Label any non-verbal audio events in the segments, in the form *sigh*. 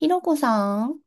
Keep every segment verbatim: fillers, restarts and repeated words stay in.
ひろこさん、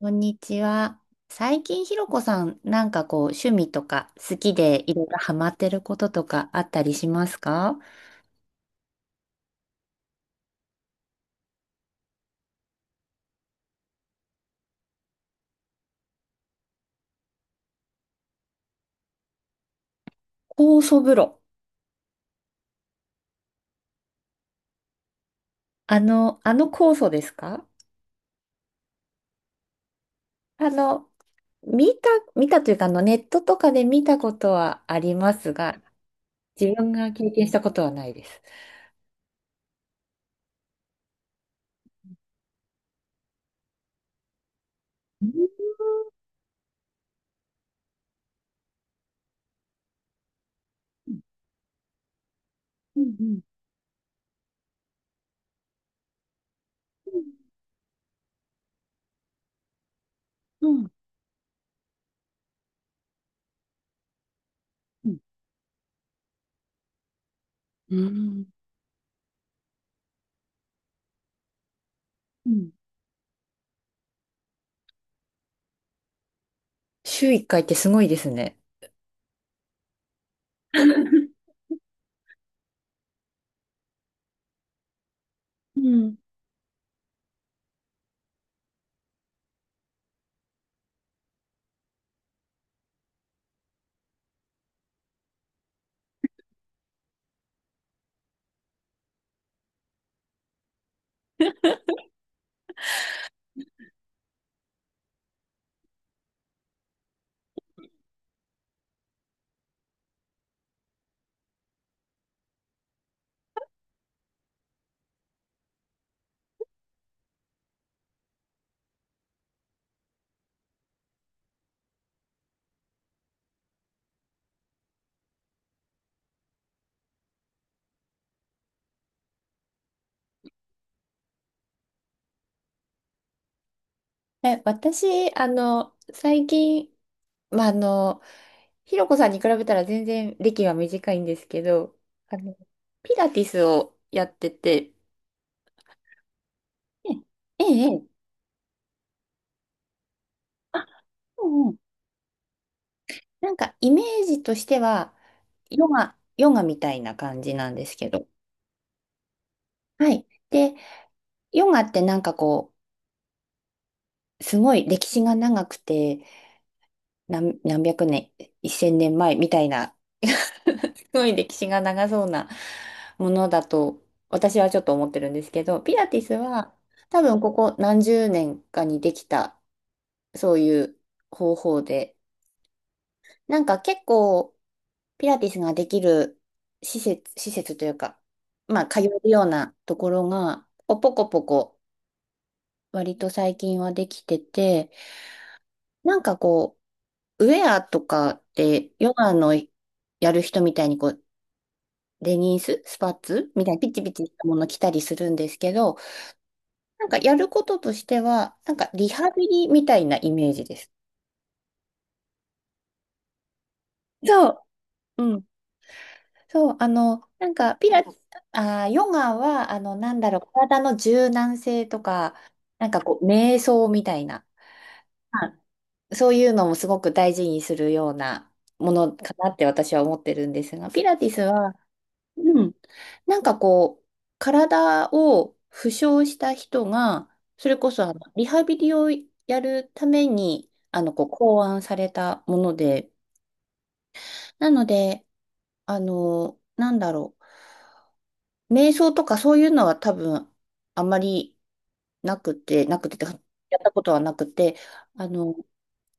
こんにちは。最近ひろこさん、なんかこう、趣味とか好きでいろいろハマってることとかあったりしますか？酵素風呂。あの、あの酵素ですか？あの、見た、見たというか、あの、ネットとかで見たことはありますが、自分が経験したことはないです。うんうんうんうんうんうん。週いっかいってすごいですね。うん。え、私、あの、最近、まあ、あの、ひろこさんに比べたら全然歴は短いんですけど、あの、ピラティスをやってて、ええ、ええ、あ、うんうん、なんかイメージとしては、ヨガ、ヨガみたいな感じなんですけど、はい。で、ヨガってなんかこう、すごい歴史が長くて、何、何百年、一千年前みたいな *laughs* すごい歴史が長そうなものだと私はちょっと思ってるんですけど、ピラティスは多分ここ何十年かにできたそういう方法で、なんか結構ピラティスができる施設、施設というか、まあ通えるようなところがポコポコ割と最近はできてて、なんかこう、ウェアとかってヨガのやる人みたいにこうデニース、スパッツみたいなピチピチしたもの着たりするんですけど、なんかやることとしては、なんかリハビリみたいなイメージです。そう、うん。そう、あの、なんかピラティス、あー、ヨガは、あの、なんだろう、体の柔軟性とか、なんかこう、瞑想みたいな、はい、そういうのもすごく大事にするようなものかなって私は思ってるんですが、ピラティスは、うん。なんかこう、体を負傷した人が、それこそあのリハビリをやるために、あの、こう、考案されたもので、なので、あの、なんだろう、瞑想とかそういうのは多分、あまりなくて、なくて、やったことはなくて、あの、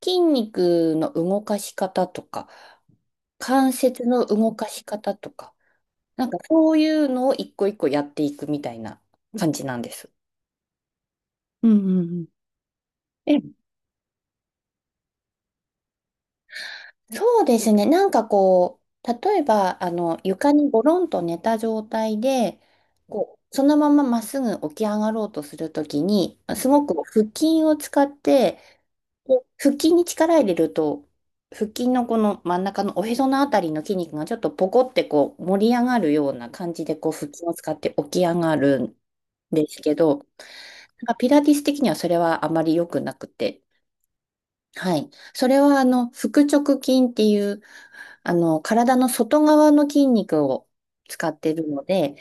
筋肉の動かし方とか、関節の動かし方とか、なんかそういうのを一個一個やっていくみたいな感じなんです。うんうん。え、そうですね。なんかこう、例えば、あの、床にゴロンと寝た状態で、こう、そのまままっすぐ起き上がろうとするときに、すごく腹筋を使って、こう腹筋に力入れると、腹筋のこの真ん中のおへそのあたりの筋肉がちょっとポコってこう盛り上がるような感じでこう腹筋を使って起き上がるんですけど、なんかピラティス的にはそれはあまり良くなくて。はい。それは、あの、腹直筋っていう、あの、体の外側の筋肉を使っているので、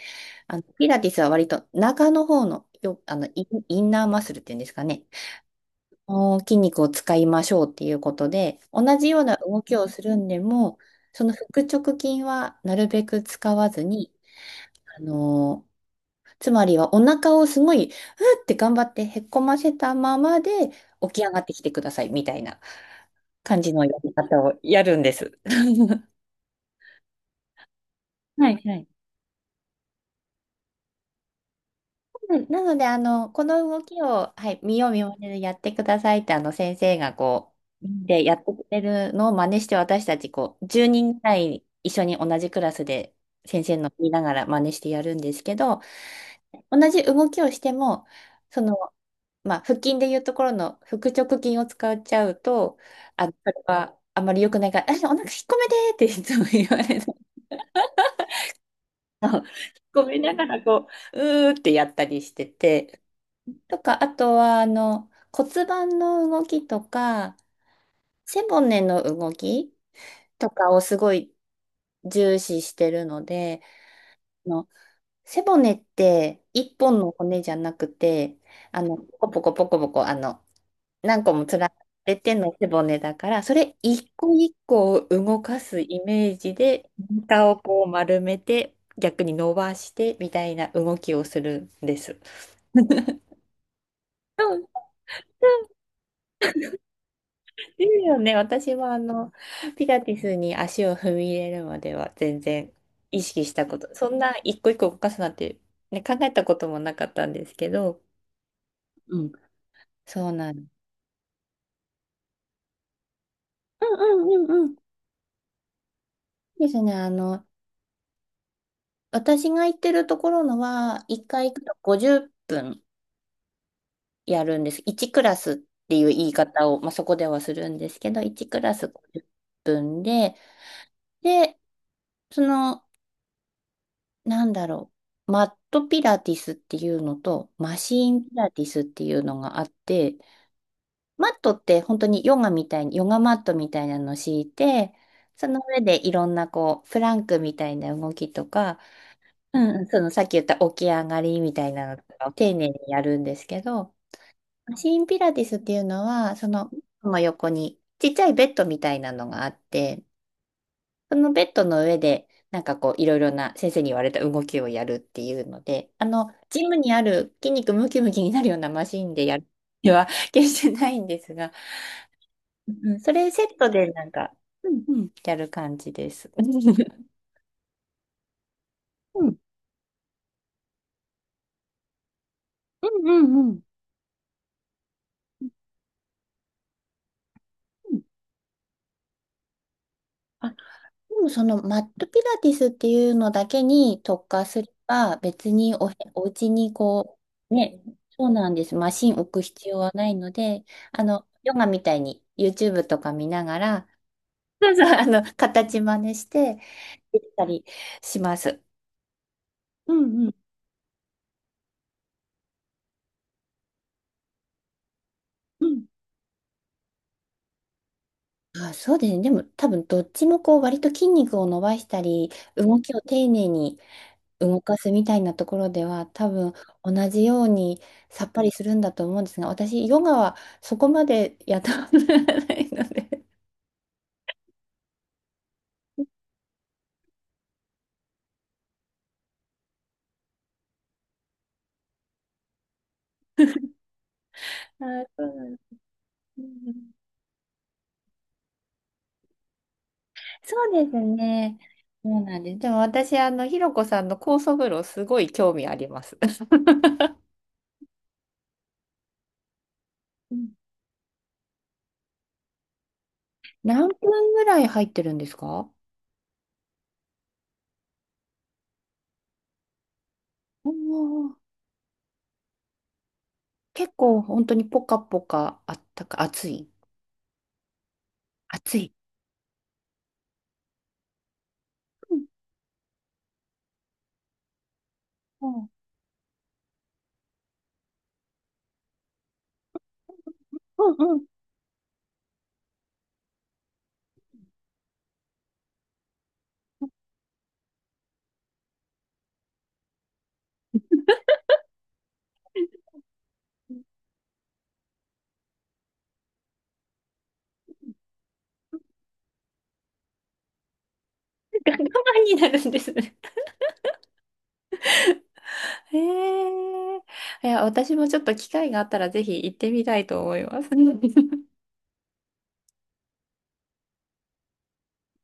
あの、ピラティスは割と中の方の、よ、あの、イン、インナーマッスルっていうんですかね。この筋肉を使いましょうっていうことで、同じような動きをするんでも、その腹直筋はなるべく使わずに、あの、つまりはお腹をすごい、うって頑張ってへっこませたままで起き上がってきてくださいみたいな感じのやり方をやるんです。はい、はい。うん、なので、あの、この動きを、はい、見よう見まねでやってくださいって、あの、先生がこう、で、やってくれるのを真似して、私たち、こう、じゅうにんぐらい一緒に同じクラスで、先生の見ながら真似してやるんですけど、同じ動きをしても、その、まあ、腹筋でいうところの腹直筋を使っちゃうと、あの、それはあまり良くないから、あ、お腹引っ込めてっていつも言われるあの。引っ込めながらこう、うーってやったりしてて。とか、あとは、あの、骨盤の動きとか、背骨の動きとかをすごい重視してるので、あの、背骨って一本の骨じゃなくて、あの、ポコポコポコポコ、あの、何個も連なれてての背骨だから、それ一個一個を動かすイメージで、お腹をこう丸めて、逆に伸ばしてみたいな動きをするんです。いいよね。私はあの、ピラティスに足を踏み入れるまでは全然意識したこと、そんな一個一個動かすなんて、ね、考えたこともなかったんですけど、うん、そうなんです。うんうんうんうん。ですね。あの、私が行ってるところのは、いっかい行くとごじゅっぷん。やるんです。いちクラスっていう言い方を、まあ、そこではするんですけど、いちクラスごじゅっぷんで、で、その、なんだろう、マットピラティスっていうのと、マシーンピラティスっていうのがあって、マットって本当にヨガみたいに、ヨガマットみたいなのを敷いて、その上でいろんなこう、プランクみたいな動きとか、うんうん、そのさっき言った起き上がりみたいなのを丁寧にやるんですけど、マシンピラティスっていうのは、その、その横にちっちゃいベッドみたいなのがあって、そのベッドの上で、なんかこう、いろいろな先生に言われた動きをやるっていうので、あの、ジムにある筋肉ムキムキになるようなマシンでやるでは *laughs* 決してないんですが、うん、それセットでなんか、うんうん、やる感じです。*laughs* うんうんうんうん。うん、でもそのマットピラティスっていうのだけに特化すれば別におへ、お家にこう、ね、そうなんです。マシン置く必要はないので、あの、ヨガみたいに ユーチューブ とか見ながら、*laughs* そうそう、あの、形真似してできたりします。うんうんうん。あ、そうですね。でも多分どっちもこう割と筋肉を伸ばしたり、動きを丁寧に動かすみたいなところでは多分同じようにさっぱりするんだと思うんですが、私ヨガはそこまでやったことがないので、あーそうなんです。うん、そうですね。そうなんです。でも私あのひろこさんの酵素風呂すごい興味あります。うん。何分ぐらい入ってるんですか？おー。結構本当にポカポカあったか暑い。暑い。うんうんうんうん。我慢 *laughs* になるんですね。ええ。いや、私もちょっと機会があったらぜひ行ってみたいと思います。*laughs*